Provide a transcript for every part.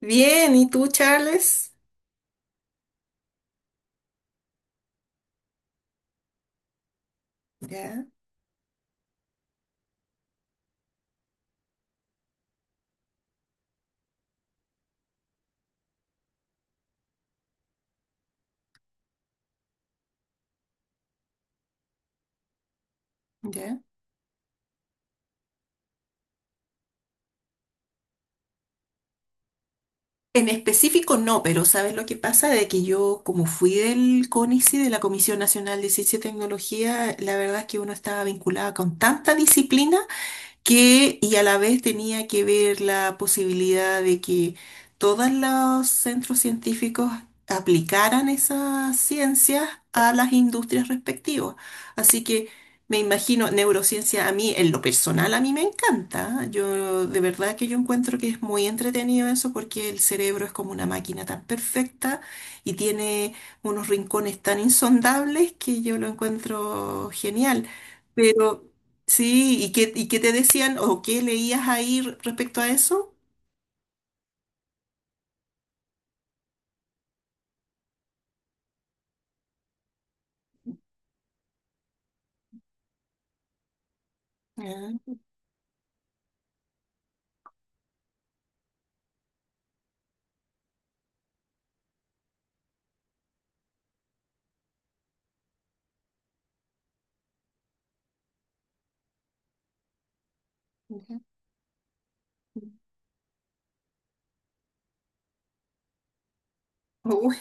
Bien, ¿y tú, Charles? Ya, ya. En específico no, pero ¿sabes lo que pasa? De que yo, como fui del CONICI, de la Comisión Nacional de Ciencia y Tecnología, la verdad es que uno estaba vinculado con tanta disciplina que y a la vez tenía que ver la posibilidad de que todos los centros científicos aplicaran esas ciencias a las industrias respectivas. Así que me imagino, neurociencia a mí, en lo personal, a mí me encanta. Yo de verdad que yo encuentro que es muy entretenido eso porque el cerebro es como una máquina tan perfecta y tiene unos rincones tan insondables que yo lo encuentro genial. Pero sí, ¿y qué te decían o qué leías ahí respecto a eso? Ah, ya. Uy,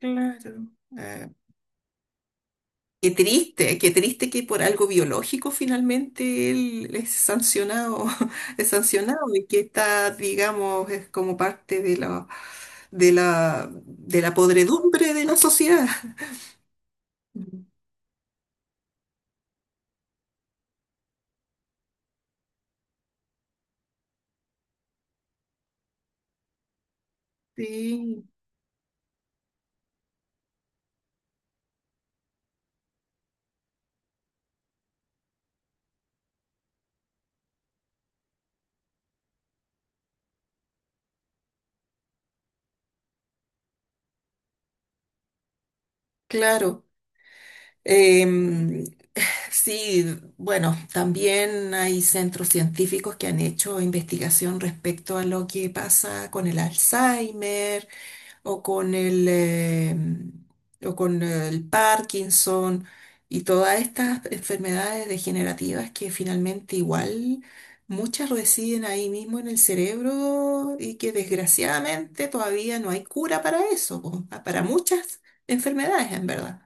claro. Ah, qué triste que por algo biológico finalmente él es sancionado, es sancionado y que está, digamos, es como parte de de la podredumbre de la sociedad. Ujú. Sí, claro. Em, Sí, bueno, también hay centros científicos que han hecho investigación respecto a lo que pasa con el Alzheimer o con o con el Parkinson y todas estas enfermedades degenerativas que finalmente igual muchas residen ahí mismo en el cerebro y que desgraciadamente todavía no hay cura para eso, po, para muchas enfermedades en verdad.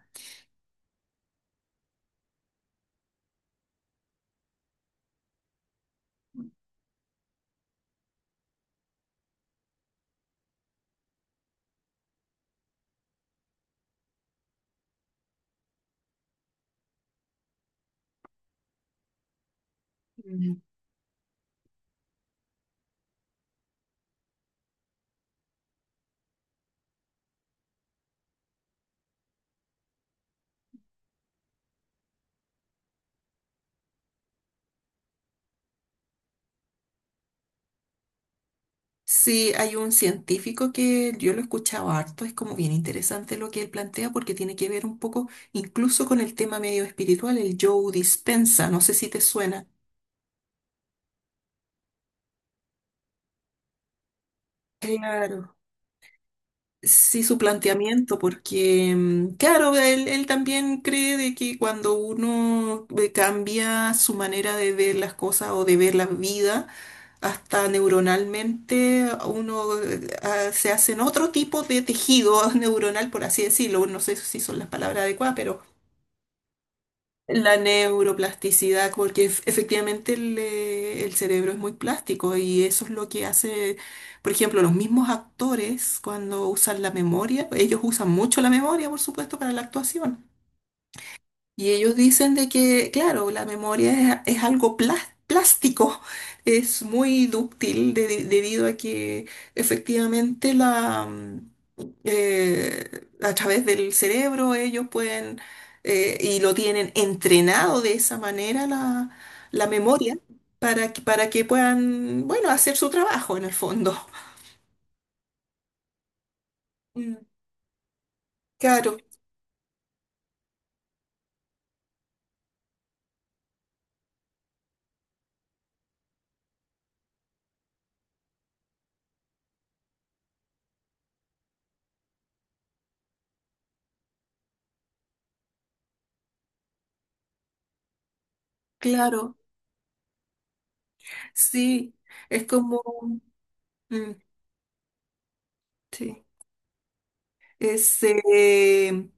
Sí, hay un científico que yo lo he escuchado harto, es como bien interesante lo que él plantea porque tiene que ver un poco incluso con el tema medio espiritual, el Joe Dispensa, no sé si te suena. Claro. Sí, su planteamiento, porque mm, claro, él también cree de que cuando uno cambia su manera de ver las cosas o de ver la vida, hasta neuronalmente uno se hacen otro tipo de tejido neuronal, por así decirlo. No sé si son las palabras adecuadas, pero la neuroplasticidad, porque efectivamente el cerebro es muy plástico y eso es lo que hace, por ejemplo, los mismos actores cuando usan la memoria, ellos usan mucho la memoria, por supuesto, para la actuación. Y ellos dicen de que, claro, la memoria es algo plástico, es muy dúctil debido a que efectivamente la, a través del cerebro ellos pueden, y lo tienen entrenado de esa manera la, la memoria para que puedan, bueno, hacer su trabajo en el fondo. Mm, claro, claro, sí, es como, mm, sí, es... eh,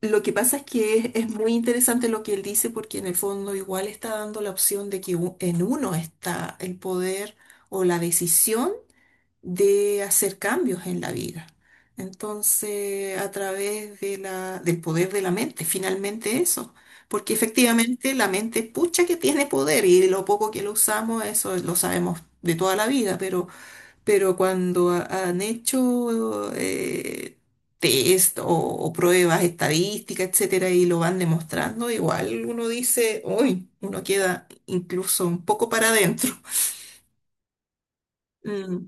lo que pasa es que es muy interesante lo que él dice porque en el fondo igual está dando la opción de que en uno está el poder o la decisión de hacer cambios en la vida. Entonces, a través de del poder de la mente, finalmente eso. Porque efectivamente la mente, pucha que tiene poder y lo poco que lo usamos, eso lo sabemos de toda la vida, pero cuando han hecho test o pruebas estadísticas, etcétera, y lo van demostrando, igual uno dice, uy, uno queda incluso un poco para adentro. Mm,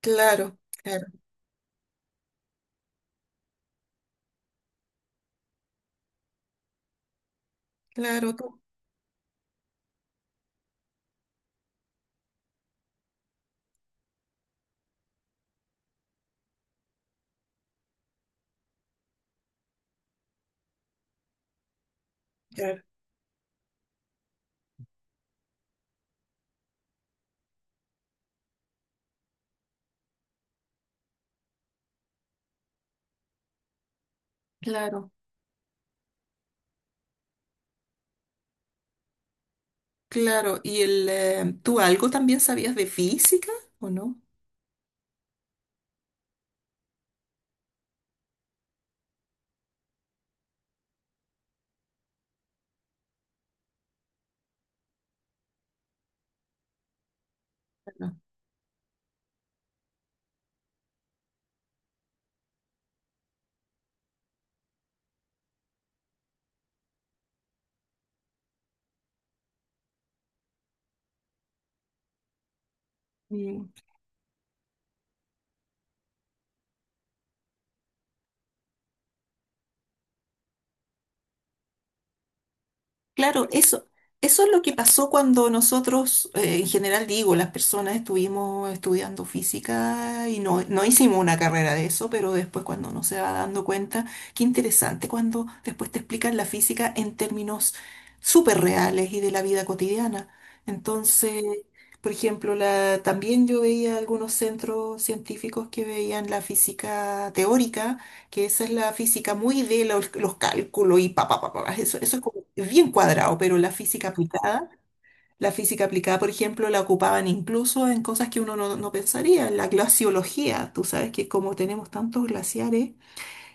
claro, claro, claro, tú, claro, claro, claro. ¿Y el, tú algo también sabías de física o no? No. Mm, claro, eso es lo que pasó cuando nosotros, en general digo, las personas estuvimos estudiando física y no, no hicimos una carrera de eso, pero después cuando uno se va dando cuenta, qué interesante cuando después te explican la física en términos súper reales y de la vida cotidiana. Entonces, por ejemplo, la, también yo veía algunos centros científicos que veían la física teórica que esa es la física muy de los cálculos y pa, pa, pa, pa, eso es como bien cuadrado, pero la física aplicada, por ejemplo, la ocupaban incluso en cosas que uno no, no pensaría, en la glaciología, tú sabes que como tenemos tantos glaciares,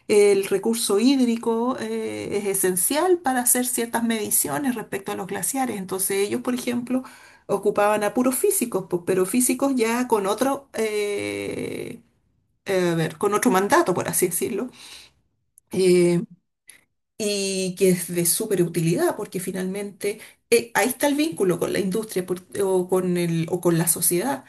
el recurso hídrico es esencial para hacer ciertas mediciones respecto a los glaciares, entonces ellos, por ejemplo, ocupaban a puros físicos, pues, pero físicos ya con otro, a ver, con otro mandato, por así decirlo. Em, y que es de súper utilidad porque finalmente ahí está el vínculo con la industria o con el, o con la sociedad.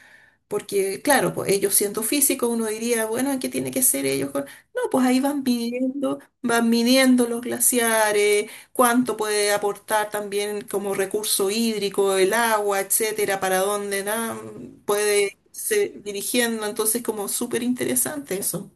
Porque, claro, pues ellos siendo físicos, uno diría, bueno, ¿qué tiene que ser ellos con...? No, pues ahí van midiendo los glaciares, cuánto puede aportar también como recurso hídrico, el agua, etcétera, para dónde na, puede irse dirigiendo. Entonces, como súper interesante eso.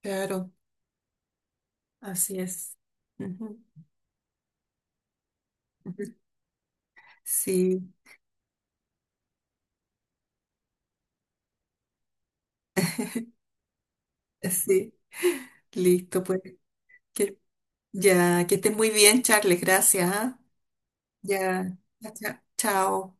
Claro, así es. Ujú, ujú. Sí. Sí, listo, pues que, ya que estés muy bien, Charles, gracias. ¿Ah? Ya, ya, chao.